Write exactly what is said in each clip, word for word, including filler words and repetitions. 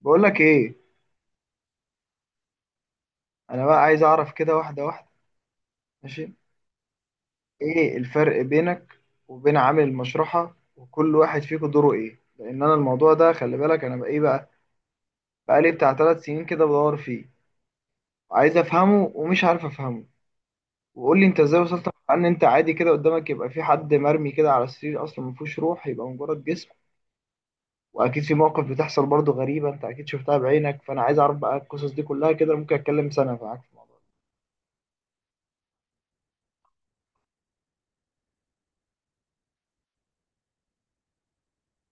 بقول لك ايه؟ انا بقى عايز اعرف كده واحده واحده. ماشي. ايه الفرق بينك وبين عامل المشرحه وكل واحد فيكم دوره ايه؟ لان انا الموضوع ده، خلي بالك، انا بقى ايه، بقى بقالي بتاع ثلاث سنين كده بدور فيه. عايز افهمه ومش عارف افهمه. وقول لي انت ازاي وصلت لمرحلة ان انت عادي كده، قدامك يبقى في حد مرمي كده على السرير، اصلا ما فيهوش روح، يبقى مجرد جسم. واكيد في مواقف بتحصل برضو غريبه، انت اكيد شفتها بعينك، فانا عايز اعرف بقى القصص دي كلها كده. ممكن اتكلم سنه معاك في الموضوع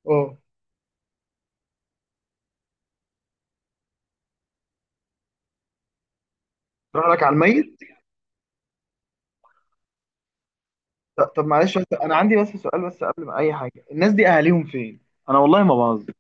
ده. اه، تروح لك على الميت. ط- طب معلش، بس انا عندي بس سؤال بس قبل ما اي حاجه، الناس دي اهاليهم فين؟ انا والله ما بهزر.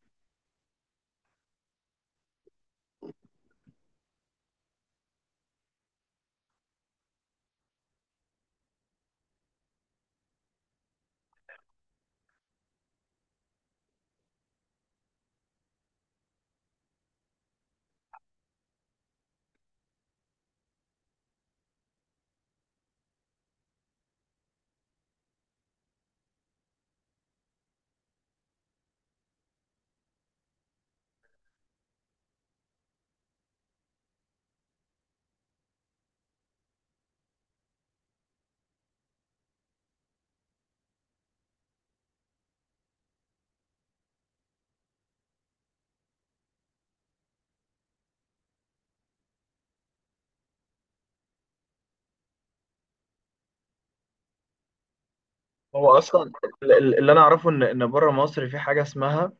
هو اصلا ال- ال- اللي انا اعرفه ان ان بره مصر في حاجه اسمها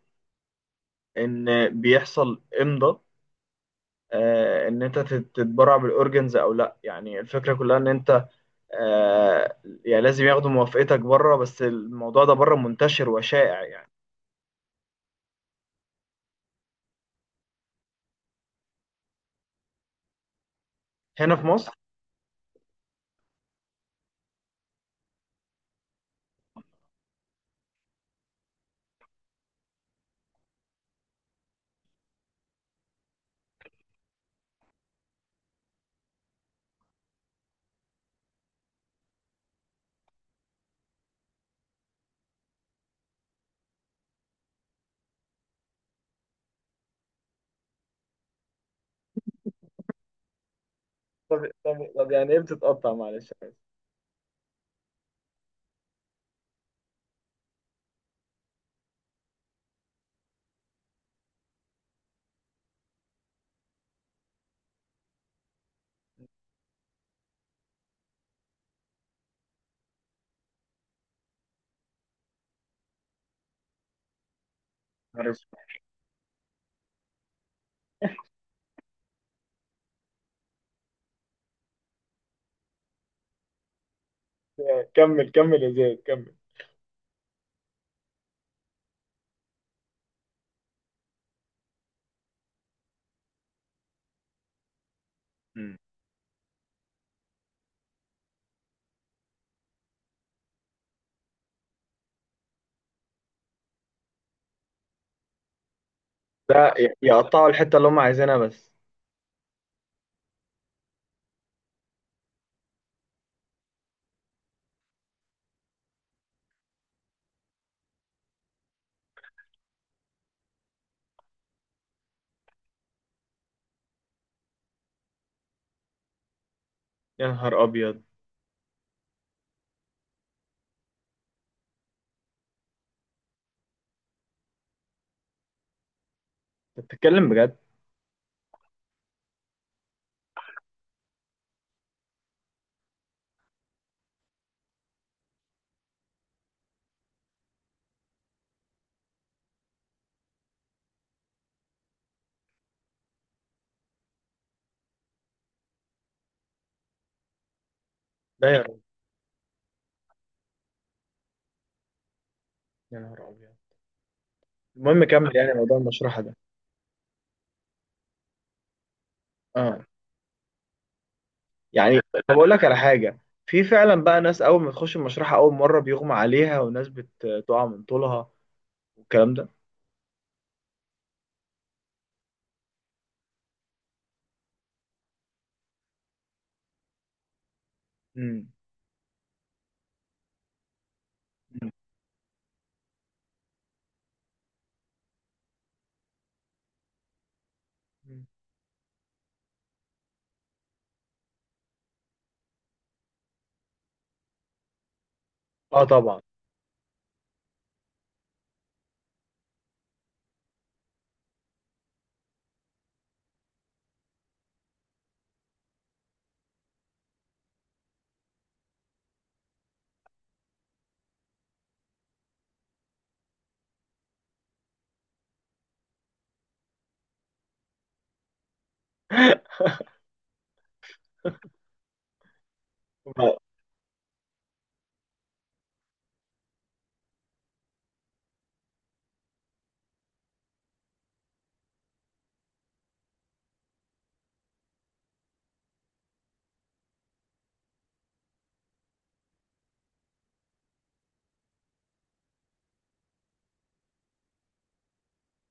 ان بيحصل امضاء، آه، ان انت تت- تتبرع بالاورجنز او لا، يعني الفكره كلها ان انت، آه، يعني لازم ياخدوا موافقتك بره، بس الموضوع ده بره منتشر وشائع يعني. هنا في مصر؟ طب طب طب يعني ايه بتتقطع معلش؟ معلش، كمل كمل يا زياد كمل. مم. ده ي- يقطعوا الحته اللي هم عايزينها بس؟ يا نهار ابيض. انت بتتكلم بجد؟ لا يا رب. يا نهار ابيض. المهم كمل يعني موضوع المشرحه ده. اه، يعني طب اقول لك على حاجه، في فعلا بقى ناس اول ما تخش المشرحه اول مره بيغمى عليها وناس بتقع من طولها والكلام ده. امم. اه طبعا.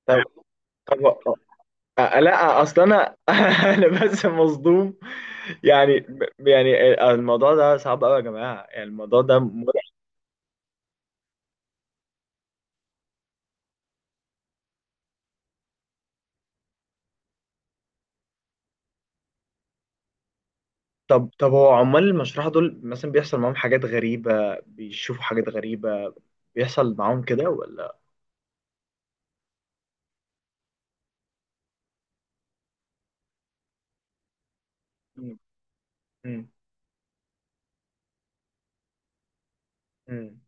طب طب، آه، لا اصل انا انا بس مصدوم، يعني، يعني الموضوع ده صعب قوي يا جماعه، يعني الموضوع ده. طب طب هو عمال المشرحة دول مثلا بيحصل معاهم حاجات غريبة، بيشوفوا حاجات غريبة، بيحصل معاهم كده ولا؟ مم. مم. مم.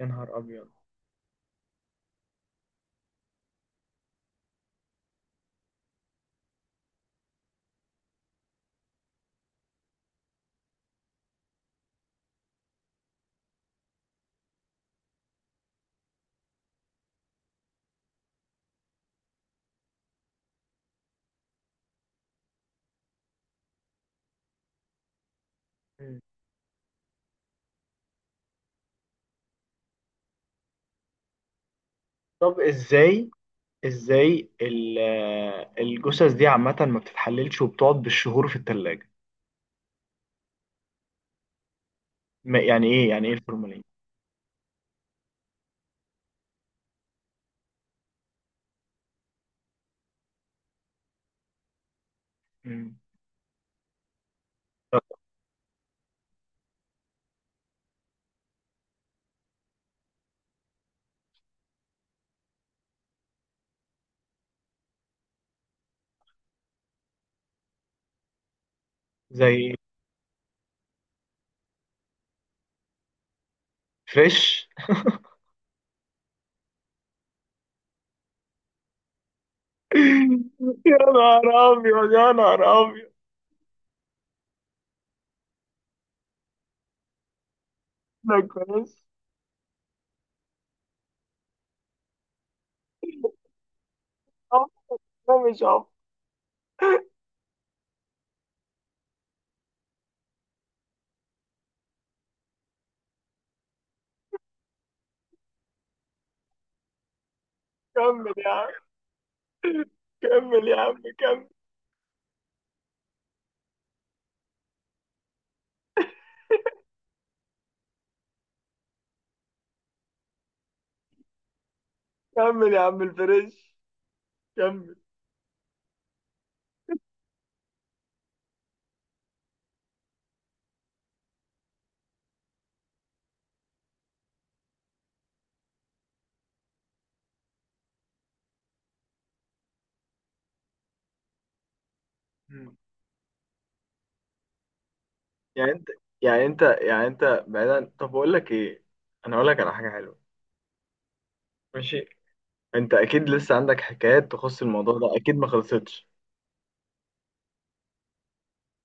يا نهار أبيض. مم. طب إزاي إزاي ال- الجثث دي عامة ما بتتحللش وبتقعد بالشهور في التلاجة؟ ما- يعني إيه يعني إيه الفورمالين؟ مم. طب. زي. فريش؟ يا نهار أبيض، يا نهار أبيض. ده كويس. أه، ده مش عارف. كمل يا عم، كمل يا عم، كمل كمل يا عم الفريش، كمل. مم. يعني انت يعني انت يعني انت بعيدا، طب اقول لك ايه، انا اقول لك على حاجه حلوه. ماشي. انت اكيد لسه عندك حكايات تخص الموضوع ده، اكيد ما خلصتش.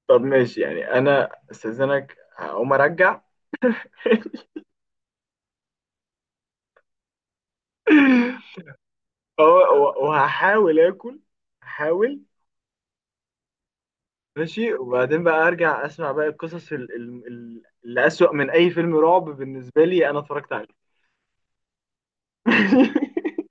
طب ماشي، يعني انا استاذنك هقوم ارجع. وه- وهحاول اكل، هحاول. ماشي، وبعدين بقى ارجع اسمع باقي القصص ال- ال- ال- اللي اسوأ من اي فيلم رعب بالنسبه لي انا اتفرجت عليه.